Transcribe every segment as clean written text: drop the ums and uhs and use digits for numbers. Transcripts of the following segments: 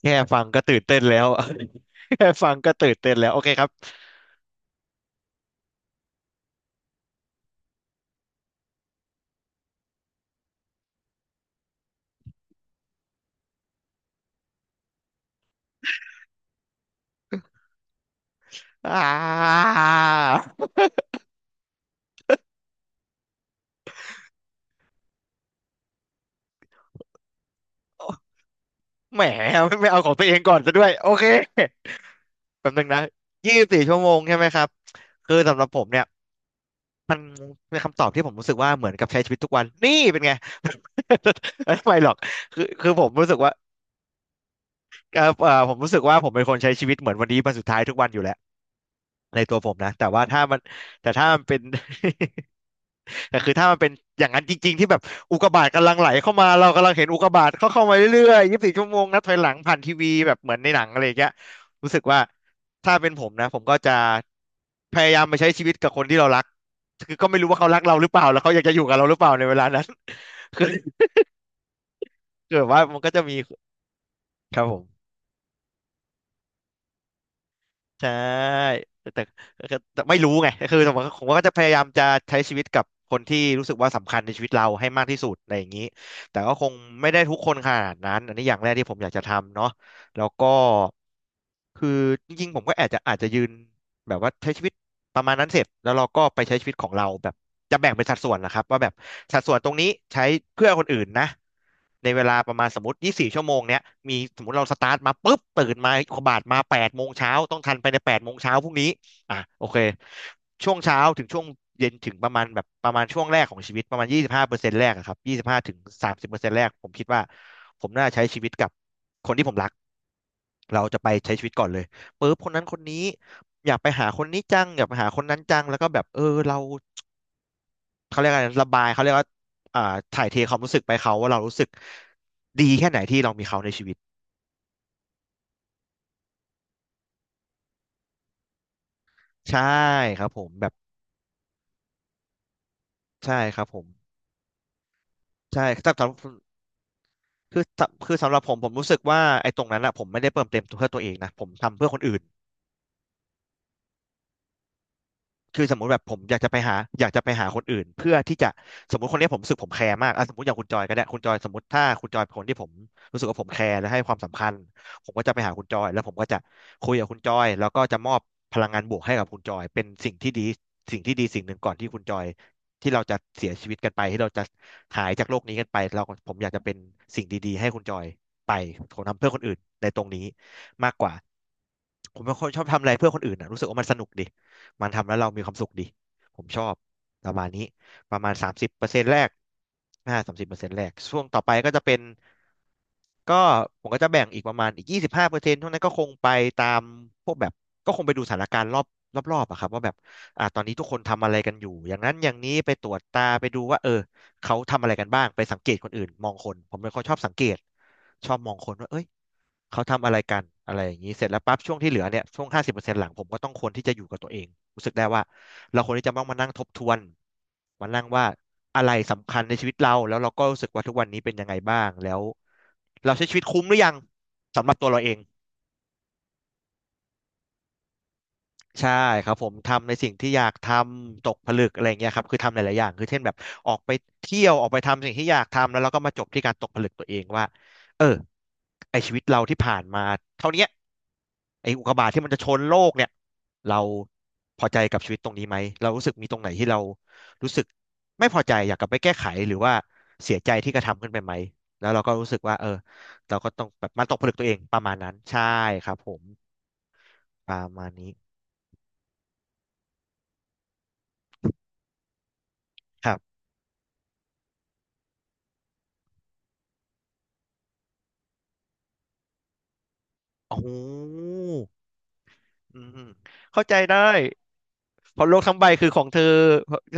แค่ฟังก็ตื่นเต้นแล้ว แค่ฟังก็ตื่นเต้นแล้วโอเคครับอ่าแหมไม่เอาของตัวเองก่อนซะด้วยโอเคแป๊บนึงนะยี่สิบสี่ชั่วโมงใช่ไหมครับคือสำหรับผมเนี่ยเป็นคำตอบที่ผมรู้สึกว่าเหมือนกับใช้ชีวิตทุกวันนี่เป็นไง ไม่หรอกคือผมรู้สึกว่าผมรู้สึกว่าผมเป็นคนใช้ชีวิตเหมือนวันนี้วันสุดท้ายทุกวันอยู่แล้วในตัวผมนะแต่ว่าถ้ามันแต่ถ้ามันเป็น แต่คือถ้ามันเป็นอย่างนั้นจริงๆที่แบบอุกกาบาตกำลังไหลเข้ามาเรากำลังเห็นอุกกาบาตเขาเข้ามาเรื่อยๆยี่สิบสี่ชั่วโมงนับถอยหลังผ่านทีวีแบบเหมือนในหนังอะไรอย่างเงี้ยรู้สึกว่าถ้าเป็นผมนะผมก็จะพยายามไปใช้ชีวิตกับคนที่เรารักคือก็ไม่รู้ว่าเขารักเราหรือเปล่าแล้วเขาอยากจะอยู่กับเราหรือเปล่าในเวลานั้น คือเกิดว่ามันก็จะมีครับผม ใช่แต่ไม่รู้ไงคือผมว่าก็จะพยายามจะใช้ชีวิตกับคนที่รู้สึกว่าสำคัญในชีวิตเราให้มากที่สุดอะไรอย่างนี้แต่ก็คงไม่ได้ทุกคนขนาดนั้นอันนี้อย่างแรกที่ผมอยากจะทำเนาะแล้วก็คือจริงๆผมก็อาจจะยืนแบบว่าใช้ชีวิตประมาณนั้นเสร็จแล้วเราก็ไปใช้ชีวิตของเราแบบจะแบ่งเป็นสัดส่วนนะครับว่าแบบสัดส่วนตรงนี้ใช้เพื่อคนอื่นนะ ในเวลาประมาณสมมติ24ชั่วโมงเนี้ย มีสมมติเราสตาร์ทมาปุ๊บตื่นมาขบาดมา8โมงเช้าต้องทันไปใน8โมงเช้าพรุ่งนี้อ่ะโอเคช่วงเช้าถึงช่วงเย็นถึงประมาณแบบประมาณช่วงแรกของชีวิตประมาณ25เปอร์เซ็นต์แรกอะครับ25ถึง30เปอร์เซ็นต์แรกผมคิดว่าผมน่าใช้ชีวิตกับคนที่ผมรักเราจะไปใช้ชีวิตก่อนเลยปุ๊บคนนั้นคนนี้อยากไปหาคนนี้จังอยากไปหาคนนั้นจังแล้วก็แบบเออเรา เขาเรียกอะไรระบาย เขาเรียกว่าอ่าถ่ายเทความรู้สึกไปเขาว่าเรารู้สึกดีแค่ไหนที่เรามีเขาในชีวิต ใช่ครับผมแบบใช่ครับผม ใช่สำหรับคือคือสำหรับผม ผมรู้สึกว่าไอ้ตรงนั้นอะผมไม่ได้เติมเต็มเพื่อตัวเองนะผมทำเพื่อคนอื่น คือสมมติแบบผมอยากจะไปหาอยากจะไปหาคนอื่นเพื่อที่จะสมมติคนนี้ผมรู้สึกผมแคร์มากอ่ะสมมติอย่างคุณจอยก็ได้คุณจอยสมมติถ้าคุณจอยเป็นคนที่ผมรู้สึกว่าผมแคร์และให้ความสำคัญผมก็จะไปหาคุณจอยแล้วผมก็จะคุยกับคุณจอยแล้วก็จะมอบพลังงานบวกให้กับคุณจอยเป็นสิ่งที่ดีสิ่งหนึ่งก่อนที่คุณจอยที่เราจะเสียชีวิตกันไปที่เราจะหายจากโลกนี้กันไปเราผมอยากจะเป็นสิ่งดีๆให้คุณจอยไปผมทำเพื่อคนอื่นในตรงนี้มากกว่าผมเป็นคนชอบทำอะไรเพื่อคนอื่นนะรู้สึกว่ามันสนุกดี มันทำแล้วเรามีความสุขดีผมชอบประมาณนี้ประมาณสามสิบเปอร์เซ็นต์แรกสามสิบเปอร์เซ็นต์แรกช่วงต่อไปก็จะเป็นก็ผมก็จะแบ่งอีกประมาณอีกยี่สิบห้าเปอร์เซ็นต์ท่านั้นก็คงไปตามพวกแบบก็คงไปดูสถานการณ์รอบๆอะครับว่าแบบตอนนี้ทุกคนทำอะไรกันอยู่อย่างนั้นอย่างนี้ไปตรวจตาไปดูว่าเออเขาทำอะไรกันบ้างไปสังเกตคนอื่นมองคนผมเป็นคนชอบสังเกตชอบมองคนว่าเอ้ย เขาทำอะไรกันอะไรอย่างนี้เสร็จแล้วปั๊บช่วงที่เหลือเนี่ยช่วงห้าสิบเปอร์เซ็นต์หลังผมก็ต้องควรที่จะอยู่กับตัวเองรู้สึกได้ว่าเราควรที่จะต้องมานั่งทบทวนมานั่งว่าอะไรสำคัญในชีวิตเราแล้วเราก็รู้สึกว่าทุกวันนี้เป็นยังไงบ้างแล้วเราใช้ชีวิตคุ้มหรือยังสำหรับตัวเราเองใช่ครับผมทำในสิ่งที่อยากทำตกผลึกอะไรอย่างเงี้ยครับคือทำหลายๆอย่างคือเช่นแบบออกไปเที่ยวออกไปทำสิ่งที่อยากทำแล้วเราก็มาจบที่การตกผลึกตัวเองว่าเออไอชีวิตเราที่ผ่านมาเท่าเนี้ย ไอ้อุกกาบาตที่มันจะชนโลกเนี่ยเราพอใจกับชีวิตตรงนี้ไหมเรารู้สึกมีตรงไหนที่เรารู้สึกไม่พอใจอยากกลับไปแก้ไขหรือว่าเสียใจที่กระทำขึ้นไปไหมแล้วเราก็รู้สึกว่าเออเราก็ต้องแบบมันตกผลึกตัวเองประมาณนั้นใช่ครับผมประมาณนี้ครับโอ้โหอืมเข้าใจได้เพราะโลกทั้งใบคือของเธอ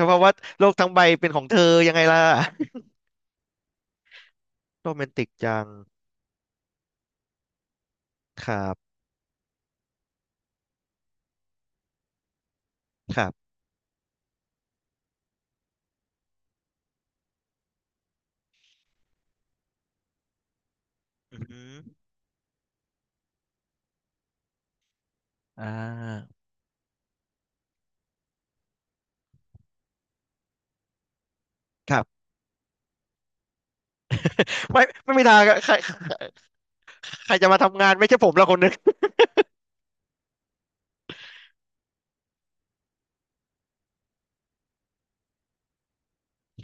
เพราะว่าโลกทั้งใบเป็นของเธอยังไงล่ะ โรแมนติกจังครับครับอืมอหืออ่าครับ ไม่ไม่มีทางอะใครใครจะมาทำงานไม่ใช่ผมละคนนึง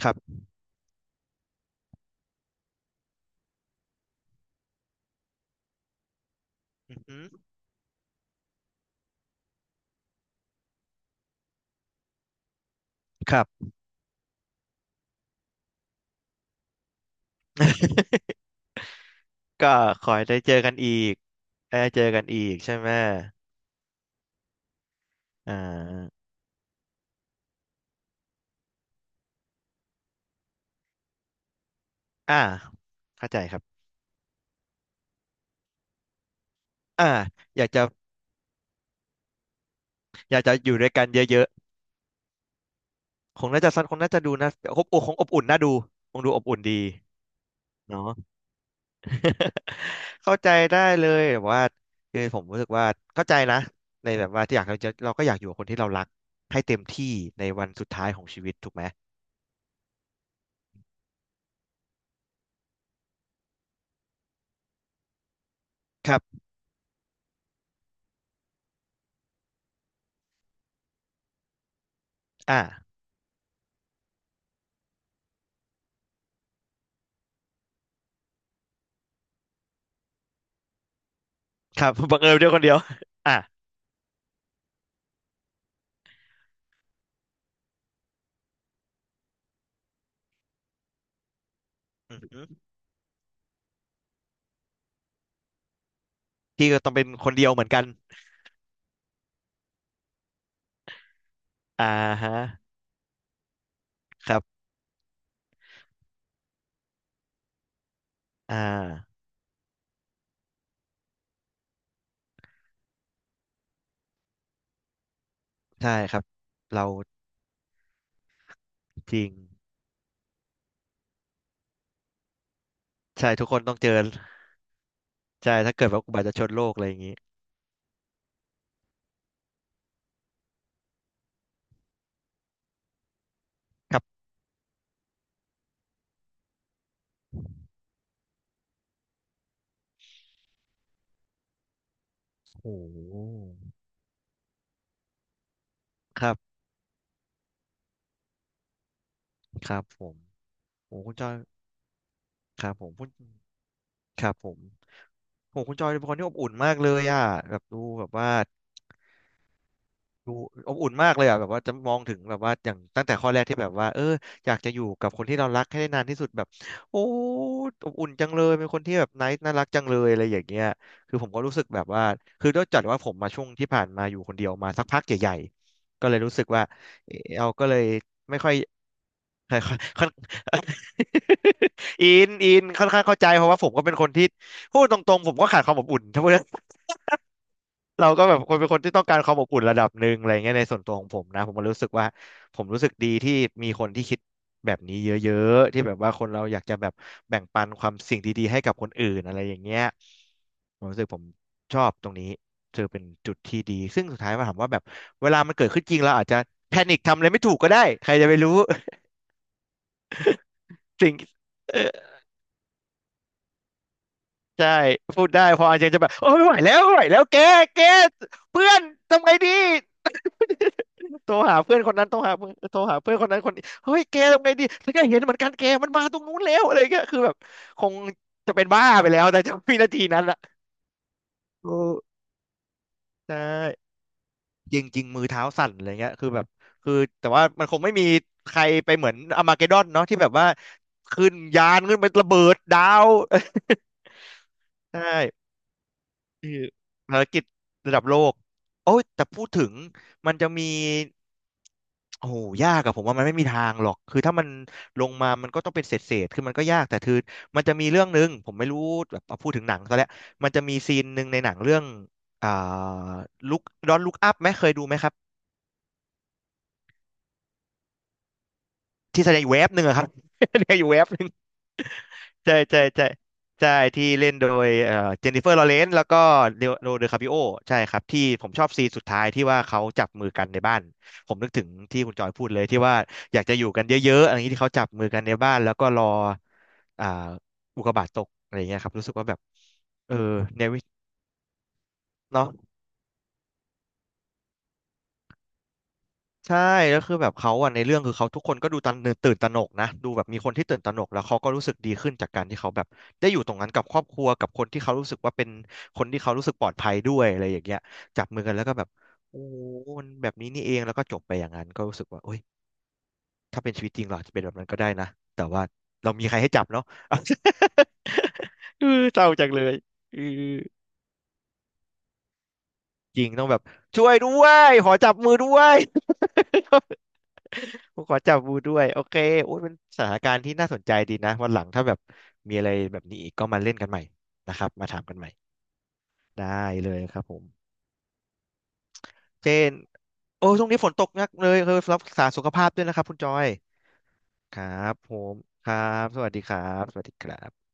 ครับอือหือครับก็ขอให้ได้เจอกันอีกได้เจอกันอีกใช่ไหมอ่าอ่าเข้าใจครับอ่าอยากจะอยากจะอยู่ด้วยกันเยอะๆคงน่าจะสั้นคงน่าจะดูนะอบอุ่นคงอบอุ่นน่าดูคงดูอบอุ่นดีเนาะ เข้าใจได้เลยแบบว่าคือผมรู้สึกว่าเข้าใจนะในแบบว่าที่อยากเราจะเราก็อยากอยู่กับคนที่เรารักให้เต็มที่ในวันสุดท้ายของชีวิตถูกไหมครับอ่า ครับ บังเอิญเที่ยวคนเดียวอ่ะอือหือพี่ก็ต้องเป็นคนเดียวเหมือนกันอ่าฮะครับอ่าใช่ครับ เราจริง ใช่ทุกคนต้องเจอใช่ถ้าเกิดว่าอุบัติเหตุชนโลกอะไรอย่างนี้ ครับโอ้โหครับครับผมโอ้คุณจอย ครับผมคุณครับผมโอ้คุณจอยเป็นคนที่อบอุ่นมากเลยอ่ะแบบดูแบบว่า ดูอบอุ่นมากเลยอ่ะแบบว่าจะมองถึงแบบว่าอย่างตั้งแต่ข้อแรกที่แบบว่าเอออยากจะอยู่กับคนที่เรารักให้ได้นานที่สุดแบบโอ้อบอุ่นจังเลยเป็นคนที่แบบไนท์น่ารักจังเลยอะไรอย่างเงี้ยคือผมก็รู้สึกแบบว่าคือด้วยจัดว่าผมมาช่วงที่ผ่านมาอยู่คนเดียวมาสักพักใหญ่ๆก็เลยรู้สึกว่าเออเราก็เลยไม่ค่อย ค่อน อินอินค่อนข้างเข้าใจเพราะว่าผมก็เป็นคนที่พูดตรงๆผมก็ขาดความอบอุ่นถ้าพูด เราก็แบบคนเป็นคนที่ต้องการความอบอุ่นระดับหนึ่งอะไรเงี้ยในส่วนตัวของผมนะผมก็รู้สึกว่าผมรู้สึกดีที่มีคนที่คิดแบบนี้เยอะๆที่แบบว่าคนเราอยากจะแบบแบ่งปันความสิ่งดีๆให้กับคนอื่นอะไรอย่างเงี้ยผมรู้สึกผมชอบตรงนี้เธอเป็นจุดที่ดีซึ่งสุดท้ายมาถามว่าแบบเวลามันเกิดขึ้นจริงเราอาจจะแพนิคทำอะไรไม่ถูกก็ได้ใครจะไปรู้ สิ่งเใช่พูดได้พออาจารย์จะแบบโอ้ยไม่ไหวแล้วไม่ไหวแล้วแกแกเพื่อนทำไงดี โทรหาเพื่อนคนนั้นโทรหาเพื่อนโทรหาเพื่อนคนนั้นคนนี้เฮ้ยแกทำไงดีแล้วก็เห็นเหมือนกันแกมันมาตรงนู้นแล้วอะไรเงี้ยคือแบบคงจะเป็นบ้าไปแล้วแต่จะวินาทีนั้นอะโอ้ใช่จริงจริงมือเท้าสั่นอะไรเงี้ยคือแบบคือแต่ว่ามันคงไม่มีใครไปเหมือนอาร์มาเกดดอนเนาะที่แบบว่าขึ้นยานขึ้นไประเบิดดาว ใช่คือภารกิจระดับโลกโอ้ยแต่พูดถึงมันจะมีโอ้โหยากอะผมว่ามันไม่มีทางหรอกคือถ้ามันลงมามันก็ต้องเป็นเศษเศษคือมันก็ยากแต่คือมันจะมีเรื่องหนึ่งผมไม่รู้แบบเอาพูดถึงหนังซะแล้วมันจะมีซีนหนึ่งในหนังเรื่องอ่าลุกดอนลุกอัพไหมเคยดูไหมครับที่แสดงอยู่เวฟหนึ่งอะครับ แสดงอยู่เวฟ ใช่ใช่ใช่ใช่ที่เล่นโดยเจนนิเฟอร์ลอเรนซ์แล้วก็เดโรเดอคาปิโอใช่ครับที่ผมชอบซีนสุดท้ายที่ว่าเขาจับมือกันในบ้านผมนึกถึงที่คุณจอยพูดเลยที่ว่าอยากจะอยู่กันเยอะๆอะไรอย่างนี้ที่เขาจับมือกันในบ้านแล้วก็รออ่าอุกกาบาตตกอะไรอย่างเงี้ยครับรู้สึกว่าแบบเออในวิเนาะ ใช่แล้วคือแบบเขาอะในเรื่องคือเขาทุกคนก็ดูตันตื่นตระหนกนะดูแบบมีคนที่ตื่นตระหนกแล้วเขาก็รู้สึกดีขึ้นจากการที่เขาแบบได้อยู่ตรงนั้นกับครอบครัวกับคนที่เขารู้สึกว่าเป็นคนที่เขารู้สึกปลอดภัยด้วยอะไรอย่างเงี้ยจับมือกันแล้วก็แบบโอ้มันแบบนี้นี่เองแล้วก็จบไปอย่างนั้นก็รู้สึกว่าโอ้ยถ้าเป็นชีวิตจริงเราอาจจะเป็นแบบนั้นก็ได้นะแต่ว่าเรามีใครให้จับเนาะ เออเศร้าจังเลยเออจริงต้องแบบช่วยด้วยขอจับมือด้วย ผมขอจับบูด้วยโอเคโอ้ยมันสถานการณ์ที่น่าสนใจดีนะวันหลังถ้าแบบมีอะไรแบบนี้อีกก็มาเล่นกันใหม่นะครับมาถามกันใหม่ได้เลยครับผมเจนโอ้ยช่วงนี้ฝนตกหนักเลยเออรักษาสุขภาพด้วยนะครับคุณจอยครับผมครับสวัสดีครับสวัสดีครับ